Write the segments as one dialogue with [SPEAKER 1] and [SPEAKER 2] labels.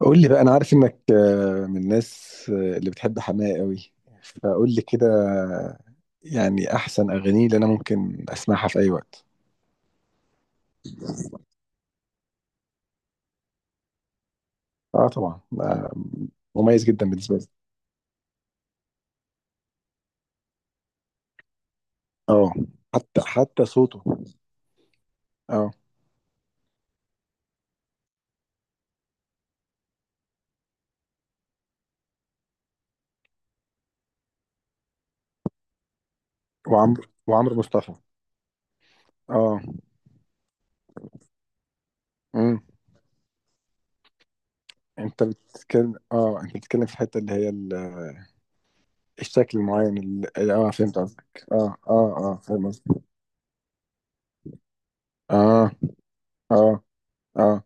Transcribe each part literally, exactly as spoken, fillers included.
[SPEAKER 1] قول لي بقى، انا عارف انك آه، من الناس آه، اللي بتحب حماقي قوي. فقول لي كده آه، يعني احسن اغانيه اللي انا ممكن اسمعها في اي وقت. اه، طبعا آه، مميز جدا بالنسبه لي. اه، حتى حتى صوته. اه. وعمرو وعمرو مصطفى. اه. امم انت بتتكلم اه انت بتتكلم في الحته اللي هي ال- الشكل المعين ال- اه فهمت قصدك. اه اه اه فاهم قصدك. اه، اه، اه،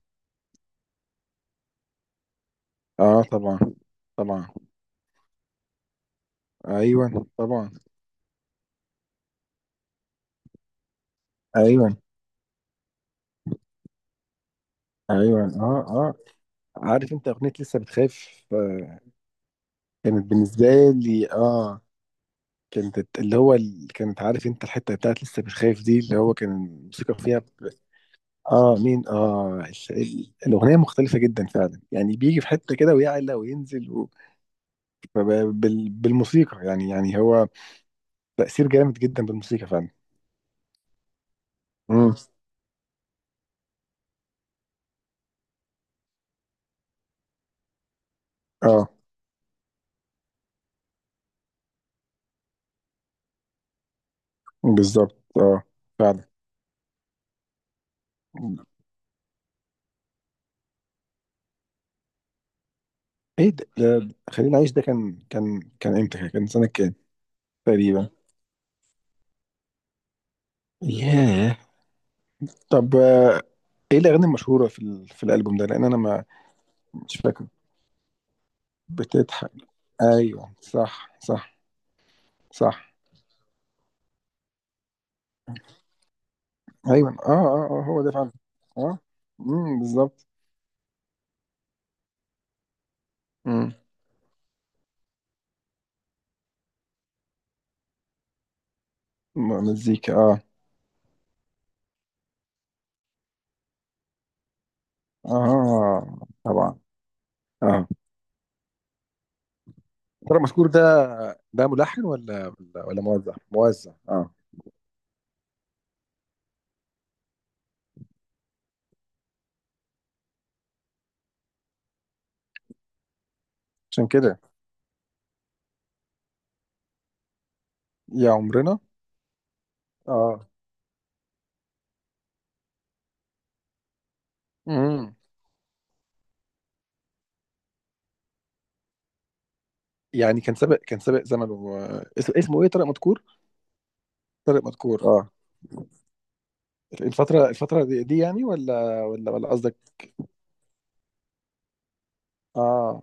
[SPEAKER 1] اه، طبعا، طبعا. ايوه، طبعا. ايوه، ايوه. اه، اه. عارف انت اغنيه لسه بتخاف آه، كانت بالنسبه لي اه. كانت اللي هو ال... كانت، عارف انت الحته بتاعت لسه بتخاف دي، اللي هو كان الموسيقى فيها ب... اه، مين؟ اه، ال- ال- الاغنيه مختلفه جدا فعلا، يعني بيجي في حته كده ويعلى وينزل و... فب... بال... بالموسيقى، يعني يعني هو تاثير جامد جدا بالموسيقى فعلا. امم. اه، بالظبط. اه، فعلا. ايه ده؟ ده خلينا نعيش ده كان كان كان امتى؟ كان سنه كام؟ تقريبا. ياه. طب آه، ايه الاغاني المشهوره في ال... في الالبوم ده؟ لان انا ما... مش فاكر. بتضحك؟ ايوه، صح، صح، صح. ايوه، اه اه اه هو ده فعلا. اه. امم، بالظبط. امم. م- مزيكا. اه، اه، طبعا. اه، ترى مشكور ده، ده ملحن ولا ولا ولا موزع؟ موزع. اه، عشان كده. يا عمرنا. اه. امم. يعني كان سابق، كان سابق زمنه آه، اسمه، اسمه ايه؟ طارق مدكور. طارق مدكور. اه، الفترة، الفترة دي، دي يعني ولا ولا ولا قصدك؟ اه،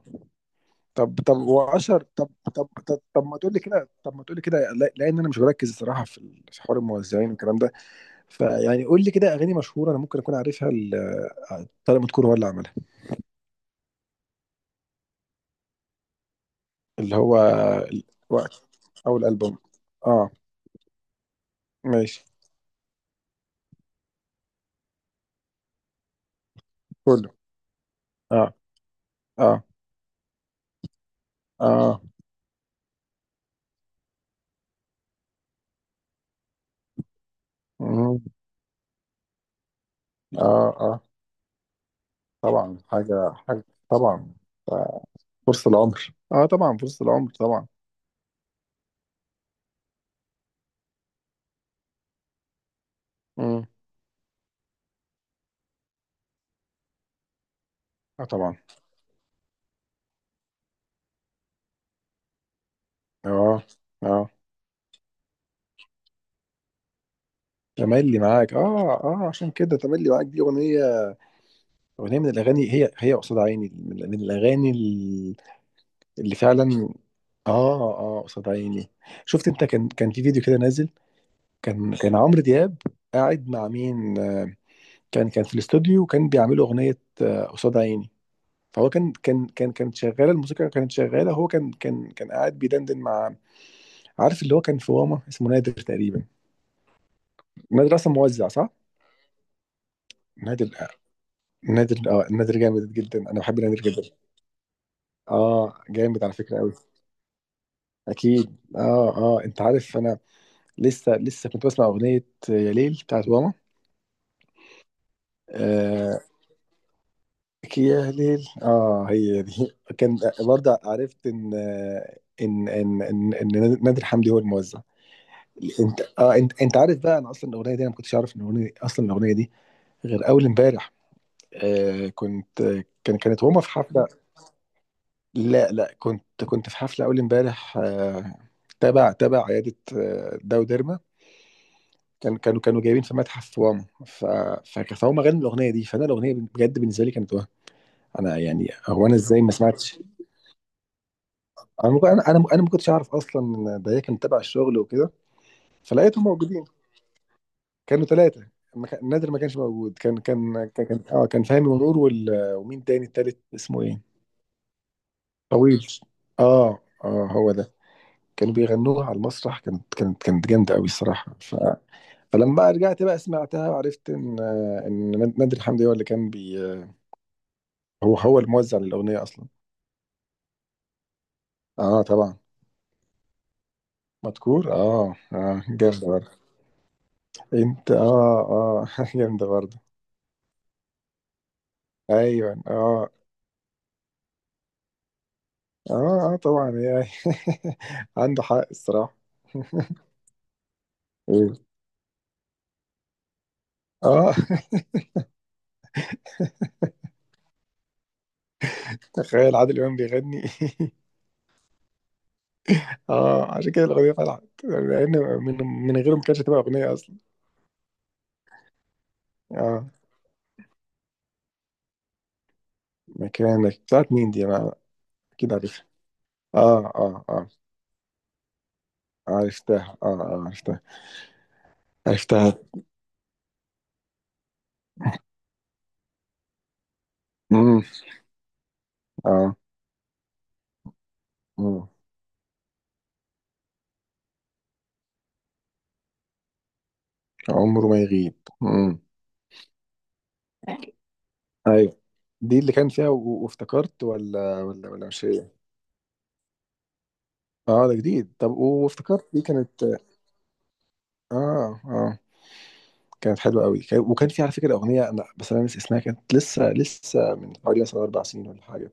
[SPEAKER 1] طب طب واشر، طب طب طب, طب ما تقول لي كده، طب ما تقول لي كده. لا- لان انا مش بركز الصراحة في ال- في حوار الموزعين والكلام ده. فيعني قول لي كده اغاني مشهورة انا ممكن اكون عارفها ال- طارق مدكور هو اللي عملها. اللي هو الوقت، او الالبوم. اه، ماشي. كله. اه، اه، اه. مم. اه، اه، طبعا. حاجة، حاجة طبعا آه، فرصة العمر. اه، طبعا فرصة العمر طبعا. مم. اه، طبعا. اه، اه، تملي معاك. اه، اه، عشان كده تملي معاك دي اغنيه. اغنيه من الاغاني هي، هي قصاد عيني، من من الاغاني ال- اللي فعلا. اه، اه، قصاد عيني. شفت انت؟ كان، كان في فيديو كده نازل. كان كان عمرو دياب قاعد مع مين آه، كان كان في الاستوديو، وكان بيعملوا اغنيه آه، قصاد عيني. فهو كان كان كان كانت شغاله الموسيقى، كانت شغاله. هو كان كان كان قاعد بيدندن مع... عارف اللي هو كان في واما اسمه نادر تقريبا. نادر اصلا موزع صح؟ نادر. نادر، اه، نادر جامد جدا، انا بحب نادر جدا. اه، جامد على فكره قوي. اكيد. اه، اه، انت عارف انا لسه، لسه كنت بسمع اغنيه يا ليل بتاعت ماما. آه، لك يا ليل. اه، هي دي كان. برضه عرفت ان ان ان ان, إن نادر حمدي هو الموزع. انت، اه، انت انت عارف بقى انا اصلا الاغنيه دي، انا ما كنتش اعرف ان الاغنيه اصلا الاغنيه دي غير اول امبارح. آه، كنت، كان كانت هما في حفله. لا، لا، كنت، كنت في حفلة أول امبارح آه، تبع تبع عيادة آه، داو ديرما. كان كانوا، كانوا جايبين في متحف واما. ف... ف- فهم غنوا الأغنية دي، فأنا الأغنية بجد بالنسبة لي كانت وهم. أنا يعني هو، أنا إزاي ما سمعتش؟ أنا ممكن- أنا أنا أنا ما كنتش أعرف أصلا إن ده هي كانت تبع الشغل وكده. فلقيتهم موجودين. كانوا ثلاثة. ما كان- نادر ما كانش موجود. كان، كان كان كان- اه كان فهمي ونور وال... ومين تاني التالت اسمه ايه؟ طويل. اه، اه، هو ده. كانوا بيغنوها على المسرح، كانت كانت كانت جامده قوي الصراحه. ف... فلما بقى رجعت بقى سمعتها وعرفت ان، ان نادر حمدي هو اللي كان بي... هو، هو الموزع للاغنيه اصلا. اه، طبعا. مذكور، اه، اه، جامده برضه. انت، اه، اه جامده برضه. ايوه، اه، اه، اه، طبعا يعني عنده حق الصراحه. إيه. اه تخيل عادل امام بيغني اه، عشان كده الاغنيه طلعت، لان من، من غيره ما كانتش هتبقى اغنيه اصلا. اه. مكانك بتاعت مين دي؟ انا اكيد عارفها. اه، اه، اه، عرفتها. اه، اه، عرفتها. عرفتها. امم. اه. امم، عمره ما يغيب. امم. ايوه دي اللي كان فيها، و- وافتكرت، ولا ولا ولا مش هي؟ اه، ده جديد. طب وافتكرت دي كانت. اه، اه، كانت حلوه قوي. كان- وكان في على فكره اغنيه انا، بس انا ناسي اسمها. كانت لسه، لسه من حوالي مثلا اربع سنين ولا حاجه.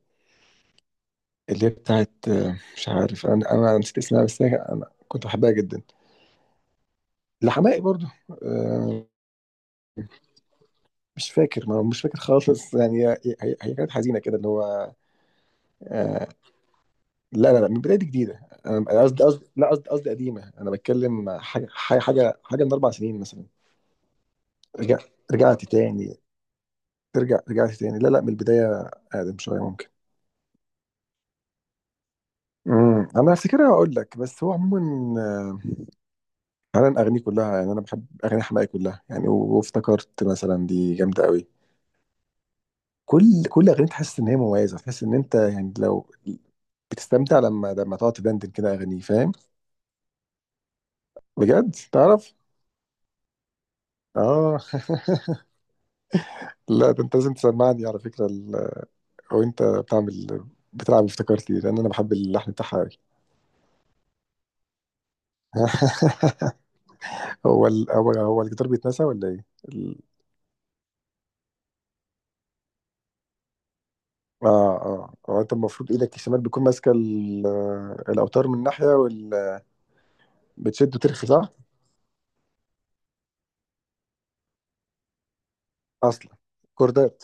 [SPEAKER 1] اللي هي بتاعت آه، مش عارف انا، انا نسيت اسمها. بس هي- انا كنت بحبها جدا. لحماقي برضو. آه، مش فاكر، ما مش فاكر خالص يعني. هي، هي- هي كانت حزينه كده اللي هو آه، لا، لا، لا، من بدايه جديده. انا، أنا قصدي، قصدي لا، قصدي، قصدي قديمه. انا بتكلم حاجه، حاجه، حاجه، حاجة من اربع سنين مثلا. رجع، رجعت تاني. ترجع، رجعت تاني. لا، لا، من البدايه اقدم شويه ممكن. امم. انا هفتكرها واقول لك. بس هو عموما آه، انا اغانيه كلها يعني، انا بحب اغاني حماقي كلها يعني. و- وافتكرت مثلا دي جامده قوي. كل كل اغنيه تحس ان هي مميزه. تحس ان انت يعني، لو بتستمتع لما، لما تقعد تدندن كده اغانيه، فاهم. بجد تعرف. اه لا، ده انت لازم تسمعني على فكره ال... او انت بتعمل. بتلعب افتكرتي لان انا بحب اللحن بتاعها قوي هو ال... هو هو الجيتار بيتنسى ولا ايه ال...؟ اه، اه، هو انت المفروض ايدك الشمال بتكون ماسكه ال... الاوتار من ناحيه وال... بتشد وترخي صح. اصلا كوردات.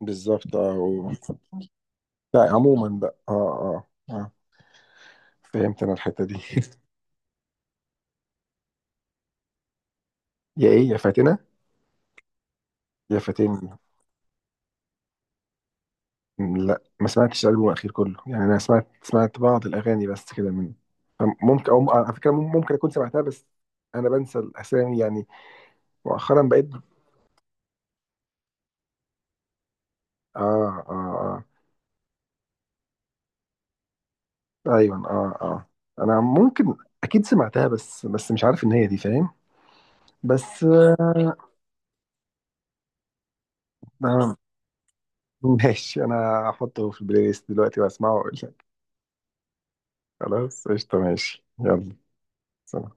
[SPEAKER 1] بالظبط اه. لا، عموما بقى، اه، اه، آه. فهمت انا الحته دي يا ايه؟ يا فاتنه؟ يا فاتن. م، لا، ما سمعتش الالبوم الاخير كله يعني، انا سمعت، سمعت بعض الاغاني بس كده من ممكن، او على فكره مم- ممكن اكون سمعتها بس. انا بنسى الاسامي يعني، مؤخرا بقيت. اه، اه، اه. ايوه، اه، اه. انا ممكن اكيد سمعتها بس، بس مش عارف ان هي دي فاهم. بس آه. آه، ماشي. انا هحطه في البلاي ليست دلوقتي واسمعه واقول لك. خلاص قشطه ماشي يلا. سلام.